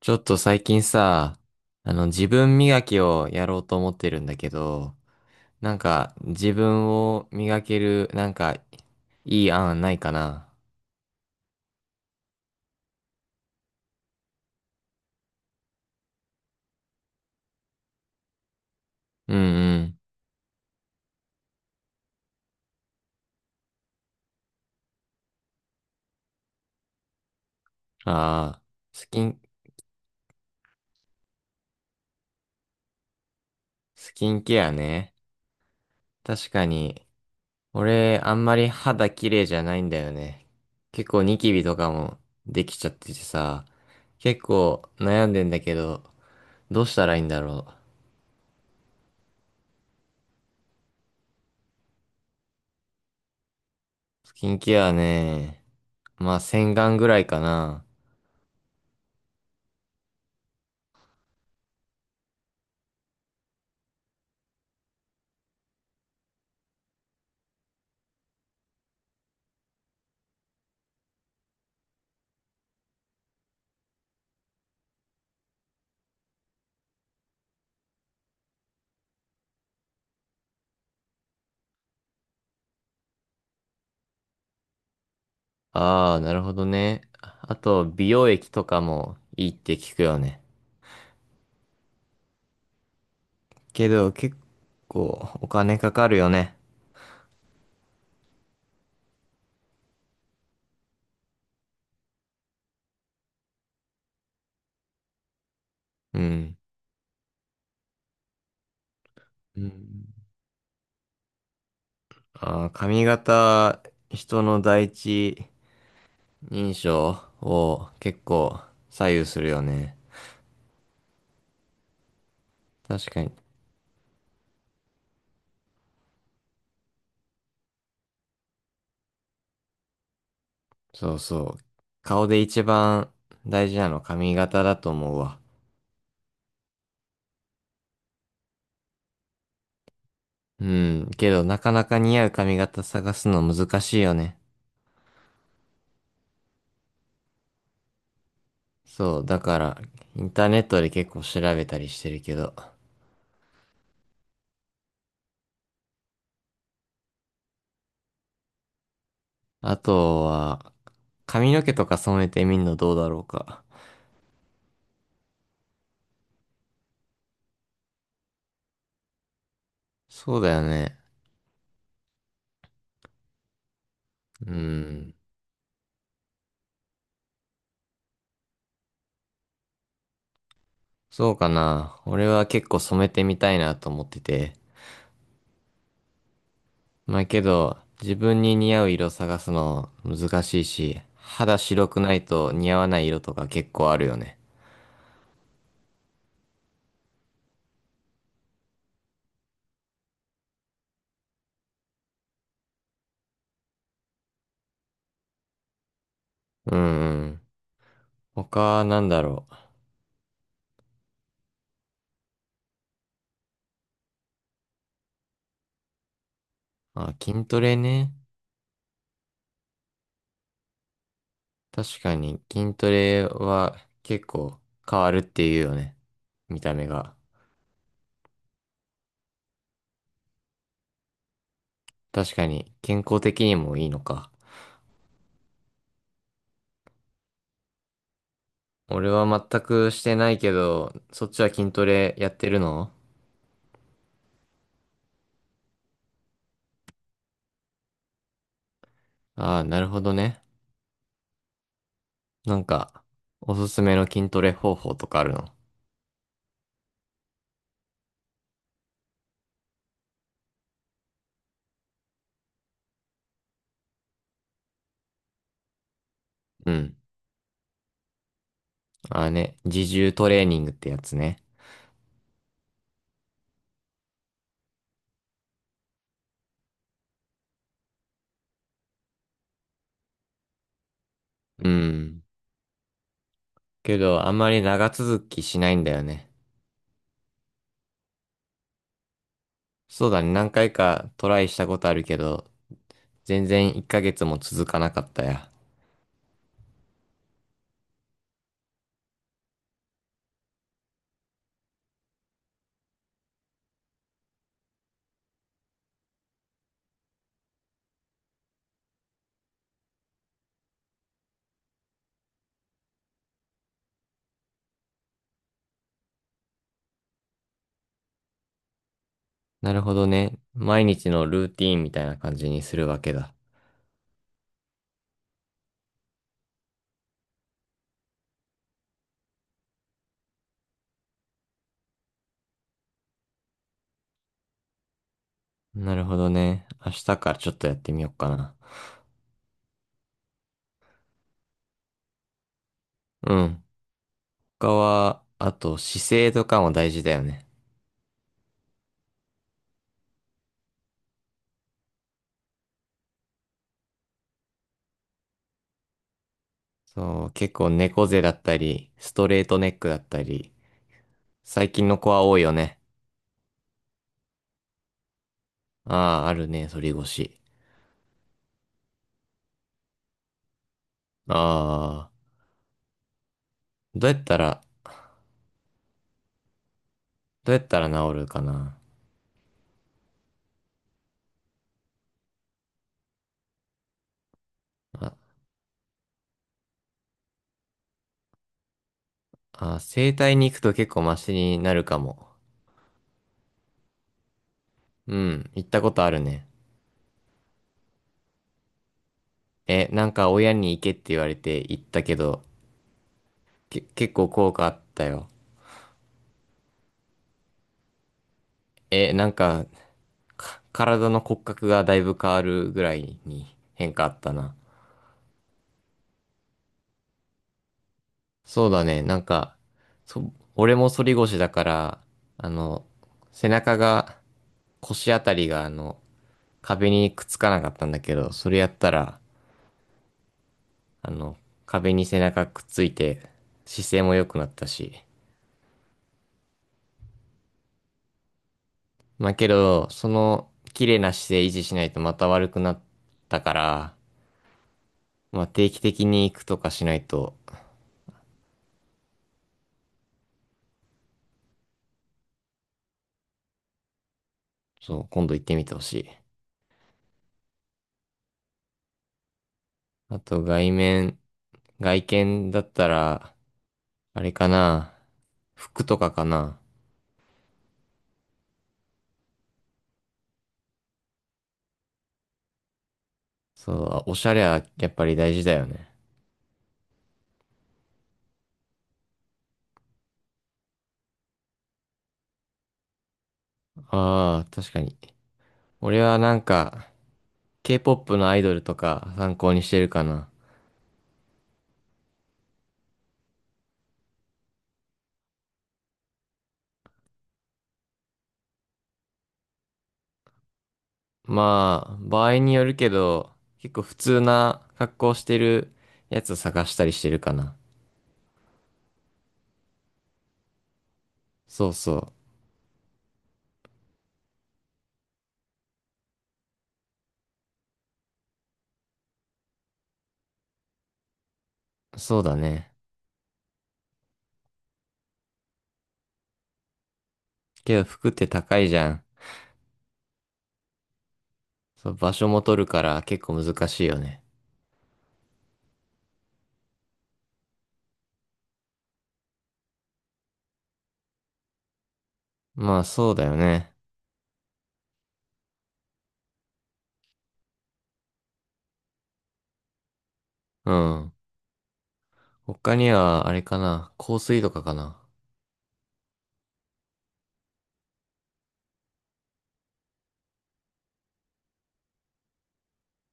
ちょっと最近さ、自分磨きをやろうと思ってるんだけど、自分を磨ける、いい案ないかな。うんうん。ああ、スキン、スキンケアね。確かに、俺あんまり肌綺麗じゃないんだよね。結構ニキビとかもできちゃっててさ、結構悩んでんだけど、どうしたらいいんだろう。スキンケアね。まあ洗顔ぐらいかな。ああ、なるほどね。あと、美容液とかもいいって聞くよね。けど、結構お金かかるよね。うん。うん。ああ、髪型、人の第一印象を結構左右するよね。確かに。そうそう。顔で一番大事なの髪型だと思うわ。うん。けど、なかなか似合う髪型探すの難しいよね。そう、だから、インターネットで結構調べたりしてるけど。あとは、髪の毛とか染めてみんのどうだろうか。そうだよね。うん。そうかな。俺は結構染めてみたいなと思ってて。まあけど、自分に似合う色探すの難しいし、肌白くないと似合わない色とか結構あるよね。うんうん。他なんだろう。あ、筋トレね。確かに筋トレは結構変わるっていうよね。見た目が。確かに健康的にもいいのか。俺は全くしてないけど、そっちは筋トレやってるの？ああー、なるほどね。なんか、おすすめの筋トレ方法とかあるの？うん。ああね、自重トレーニングってやつね。うん。けど、あんまり長続きしないんだよね。そうだね、何回かトライしたことあるけど、全然1ヶ月も続かなかったや。なるほどね。毎日のルーティーンみたいな感じにするわけだ。なるほどね。明日からちょっとやってみようかな。うん。他は、あと姿勢とかも大事だよね。そう、結構猫背だったり、ストレートネックだったり、最近の子は多いよね。ああ、あるね、反り腰。ああ、どうやったら、どうやったら治るかな。あ、あ、整体に行くと結構マシになるかも。うん、行ったことあるね。え、なんか親に行けって言われて行ったけど、結構効果あったよ。え、なんか、体の骨格がだいぶ変わるぐらいに変化あったな。そうだね、なんか、俺も反り腰だから、あの、背中が、腰あたりが、壁にくっつかなかったんだけど、それやったら、あの、壁に背中くっついて、姿勢も良くなったし。まあけど、その、綺麗な姿勢維持しないとまた悪くなったから、まあ定期的に行くとかしないと、そう、今度行ってみてほしい。あと、外見だったら、あれかな。服とかかな。そう、おしゃれはやっぱり大事だよね。ああ、確かに。俺はなんか、K-POP のアイドルとか参考にしてるかな。まあ、場合によるけど、結構普通な格好してるやつ探したりしてるかな。そうそう。そうだね。けど服って高いじゃん。そう、場所も取るから結構難しいよね。まあそうだよね。うん。他には、あれかな。香水とかかな。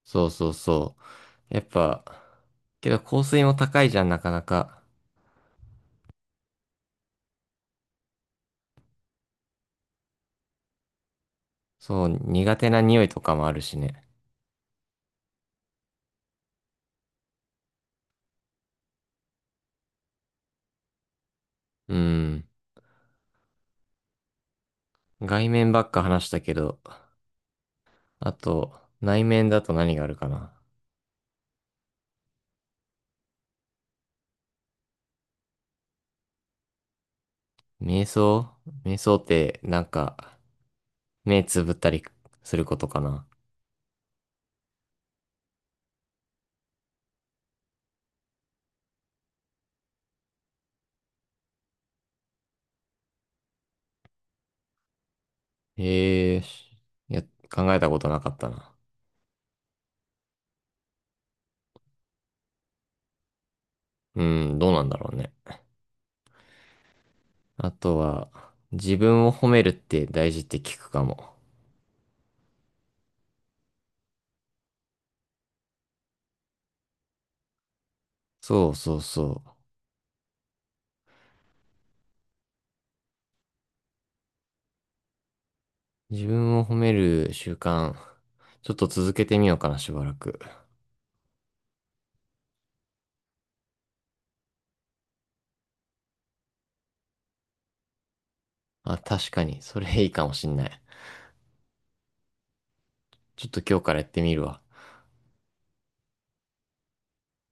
そうそうそう。やっぱ、けど香水も高いじゃん、なかなか。そう、苦手な匂いとかもあるしね。うん。外面ばっか話したけど、あと、内面だと何があるかな。瞑想瞑想って、なんか、目つぶったりすることかな。へえ、しいや、考えたことなかったな。うん、どうなんだろうね。あとは、自分を褒めるって大事って聞くかも。そうそうそう。自分を褒める習慣、ちょっと続けてみようかな、しばらく。あ、確かに、それいいかもしんない。ちょっと今日からやってみるわ。